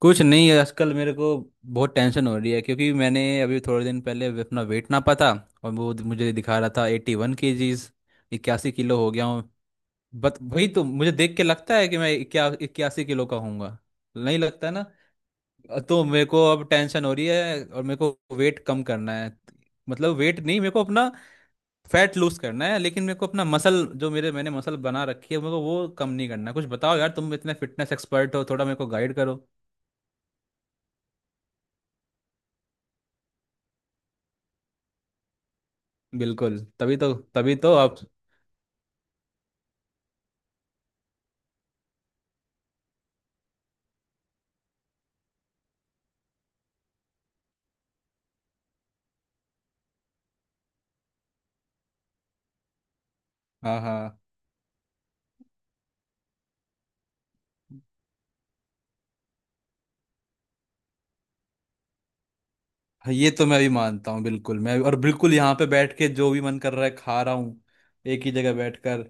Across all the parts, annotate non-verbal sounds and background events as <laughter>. कुछ नहीं है, आजकल मेरे को बहुत टेंशन हो रही है क्योंकि मैंने अभी थोड़े दिन पहले अपना वेट नापा था। और वो मुझे दिखा रहा था 81 kgs। 81 किलो हो गया हूँ। बट वही तो मुझे देख के लगता है कि मैं 81 किलो का हूँगा। नहीं लगता ना। तो मेरे को अब टेंशन हो रही है और मेरे को वेट कम करना है। मतलब वेट नहीं, मेरे को अपना फैट लूज करना है। लेकिन मेरे को अपना मसल, जो मेरे मैंने मसल बना रखी है, मेरे को वो कम नहीं करना है। कुछ बताओ यार, तुम इतने फिटनेस एक्सपर्ट हो, थोड़ा मेरे को गाइड करो। बिल्कुल, तभी तो आप। हाँ हाँ। हाँ, ये तो मैं भी मानता हूँ बिल्कुल। मैं और बिल्कुल यहाँ पे बैठ के जो भी मन कर रहा है खा रहा हूँ, एक ही जगह बैठकर।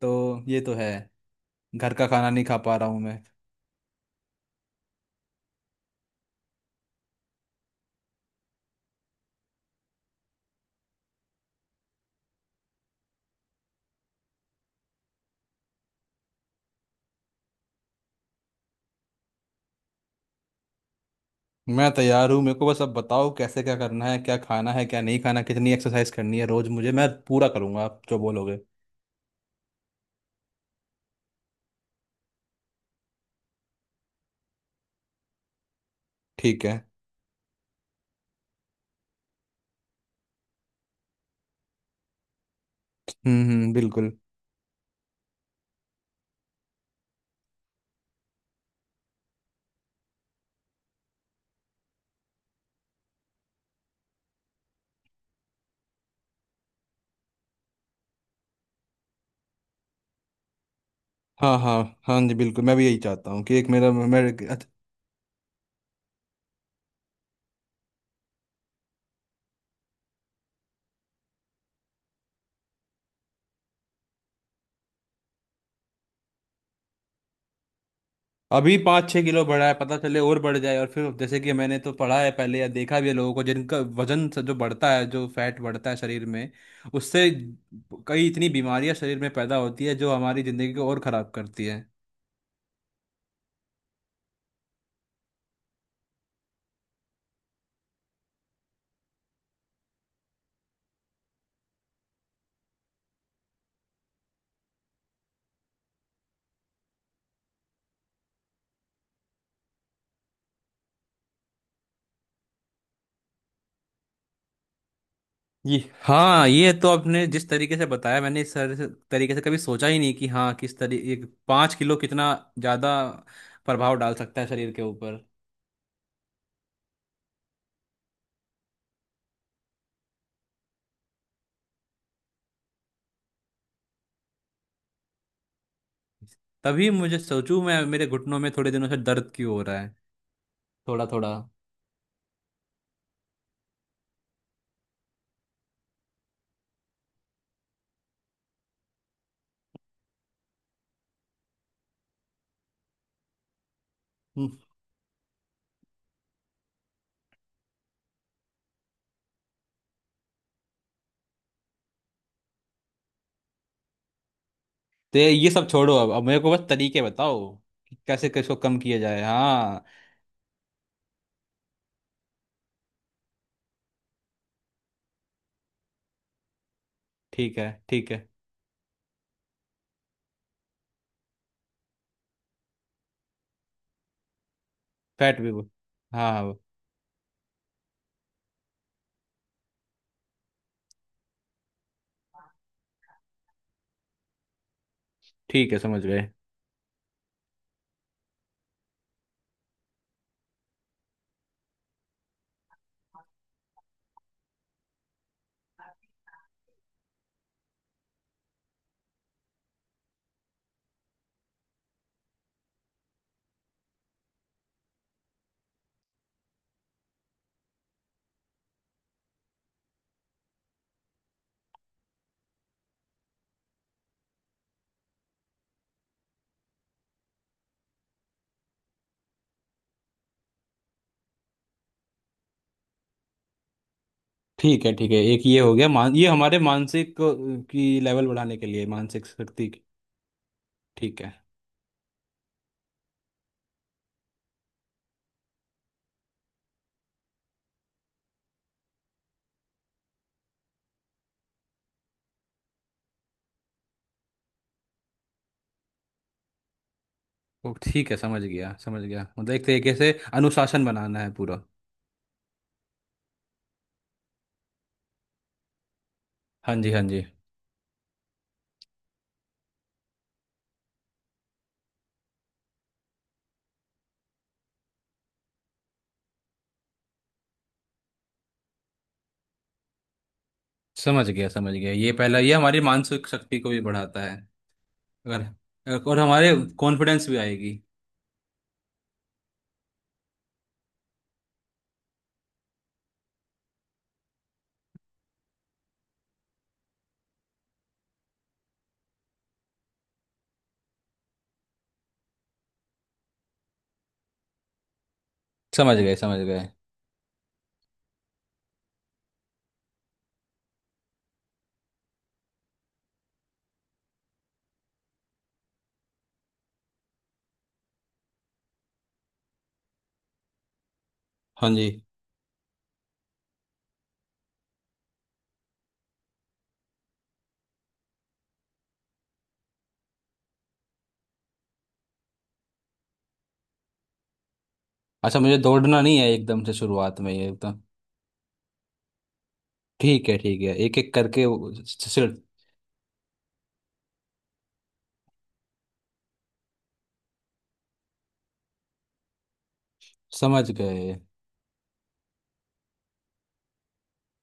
तो ये तो है। घर का खाना नहीं खा पा रहा हूँ मैं। मैं तैयार हूँ, मेरे को बस अब बताओ कैसे, क्या करना है, क्या खाना है, क्या नहीं खाना, कितनी एक्सरसाइज करनी है रोज मुझे। मैं पूरा करूँगा आप जो बोलोगे। ठीक है। हम्म, बिल्कुल। हाँ हाँ। हाँ जी, बिल्कुल मैं भी यही चाहता हूँ कि एक मेरा मैं। अभी 5-6 किलो बढ़ा है, पता चले और बढ़ जाए, और फिर जैसे कि मैंने तो पढ़ा है पहले या देखा भी है लोगों को, जिनका वजन से, जो बढ़ता है, जो फैट बढ़ता है शरीर में, उससे कई इतनी बीमारियां शरीर में पैदा होती है जो हमारी जिंदगी को और खराब करती है। ये हाँ, ये तो आपने जिस तरीके से बताया, मैंने इस तरह से तरीके से कभी सोचा ही नहीं कि हाँ किस तरीके। 5 किलो कितना ज़्यादा प्रभाव डाल सकता है शरीर के ऊपर। तभी मुझे सोचूं मैं, मेरे घुटनों में थोड़े दिनों से दर्द क्यों हो रहा है। थोड़ा थोड़ा। तो ये सब छोड़ो, अब मेरे को बस तरीके बताओ कि कैसे किसको कम किया जाए। हाँ ठीक है, ठीक है। फैट भी बोल। हाँ हाँ। ठीक है, समझ गए। ठीक है, ठीक है। एक ये हो गया। मान, ये हमारे मानसिक की लेवल बढ़ाने के लिए, मानसिक शक्ति की। ठीक है। ओ ठीक है, समझ गया समझ गया। मतलब एक तरीके से अनुशासन बनाना है पूरा। हाँ जी हाँ जी। समझ गया समझ गया, ये पहला ये हमारी मानसिक शक्ति को भी बढ़ाता है अगर। और हमारे कॉन्फिडेंस भी आएगी। समझ गए समझ गए। हाँ जी। अच्छा, मुझे दौड़ना नहीं है एकदम से, शुरुआत में ये एकदम। ठीक है ठीक है, एक एक करके समझ गए।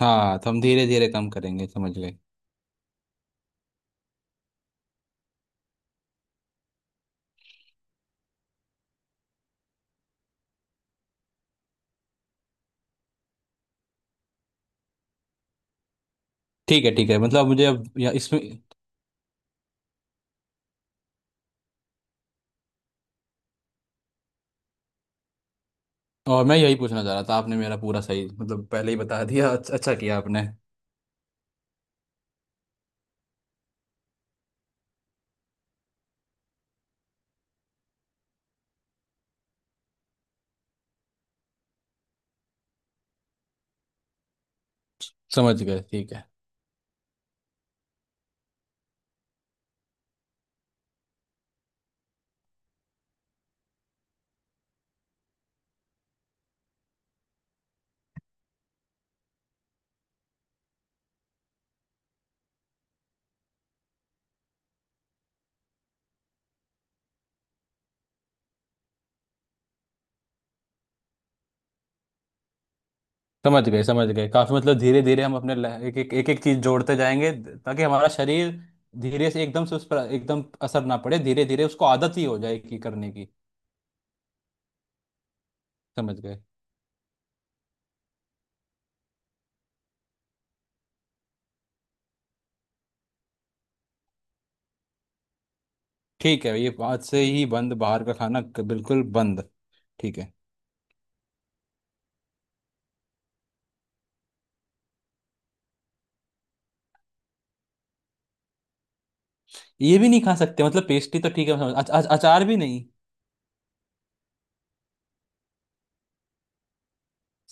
हाँ, तो हम धीरे धीरे कम करेंगे, समझ गए। ठीक है ठीक है, मतलब मुझे अब या, इसमें। और मैं यही पूछना चाह रहा था, आपने मेरा पूरा सही मतलब पहले ही बता दिया। अच्छा, अच्छा किया आपने। समझ गए, ठीक है। समझ गए समझ गए, काफी, मतलब धीरे धीरे हम अपने एक एक एक एक चीज जोड़ते जाएंगे, ताकि हमारा शरीर धीरे से, एकदम से उस पर एकदम असर ना पड़े, धीरे धीरे उसको आदत ही हो जाए कि करने की। समझ गए। ठीक है, ये बात से ही बंद, बाहर का खाना बिल्कुल बंद। ठीक है, ये भी नहीं खा सकते? मतलब पेस्ट्री तो ठीक है, समझ अच, अच, अचार भी नहीं?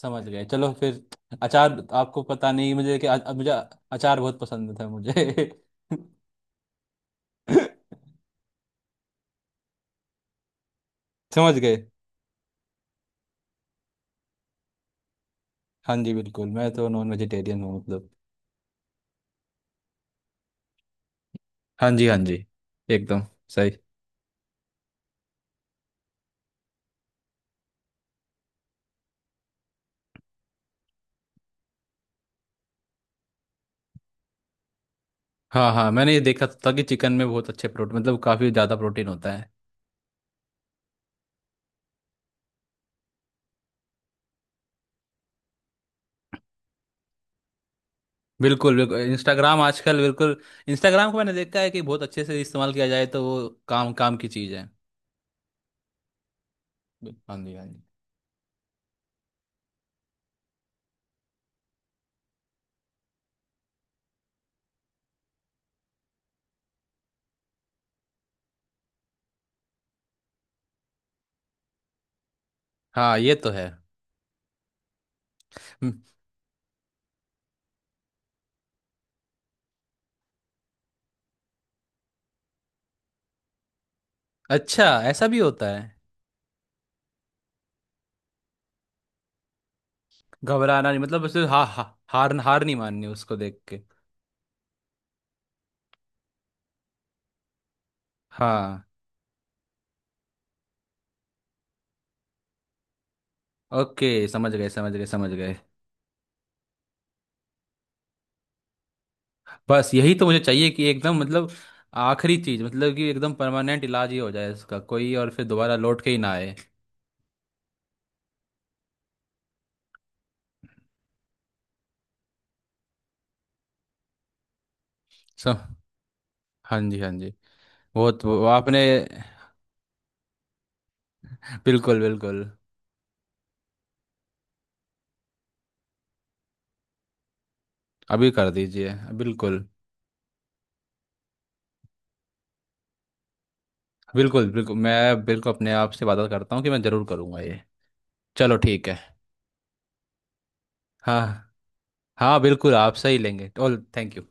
समझ गए, चलो फिर। अचार, आपको पता नहीं, मुझे कि मुझे अचार बहुत पसंद था मुझे। <laughs> समझ गए। हाँ जी, बिल्कुल, मैं तो नॉन वेजिटेरियन हूँ, मतलब। हाँ जी हाँ जी, एकदम सही। हाँ हाँ, मैंने ये देखा था कि चिकन में बहुत अच्छे प्रोटीन, मतलब काफ़ी ज़्यादा प्रोटीन होता है। बिल्कुल बिल्कुल, इंस्टाग्राम आजकल बिल्कुल। इंस्टाग्राम को मैंने देखा है कि बहुत अच्छे से इस्तेमाल किया जाए तो वो काम काम की चीज़ है। हाँ जी हाँ जी। हाँ, ये तो है। हम्म। अच्छा, ऐसा भी होता है? घबराना नहीं, मतलब उसे हा, हा, हार हार नहीं माननी उसको देख के। हाँ। ओके, समझ गए समझ गए समझ गए। बस यही तो मुझे चाहिए कि एकदम, मतलब आखिरी चीज, मतलब कि एकदम परमानेंट इलाज ही हो जाए इसका कोई, और फिर दोबारा लौट के ही ना आए। सो, हाँ जी हाँ जी। बहुत वो आपने। बिल्कुल बिल्कुल। अभी कर दीजिए, बिल्कुल। बिल्कुल बिल्कुल, मैं बिल्कुल अपने आप से वादा करता हूँ कि मैं ज़रूर करूँगा ये। चलो ठीक है। हाँ हाँ, बिल्कुल आपसे ही लेंगे। All thank you.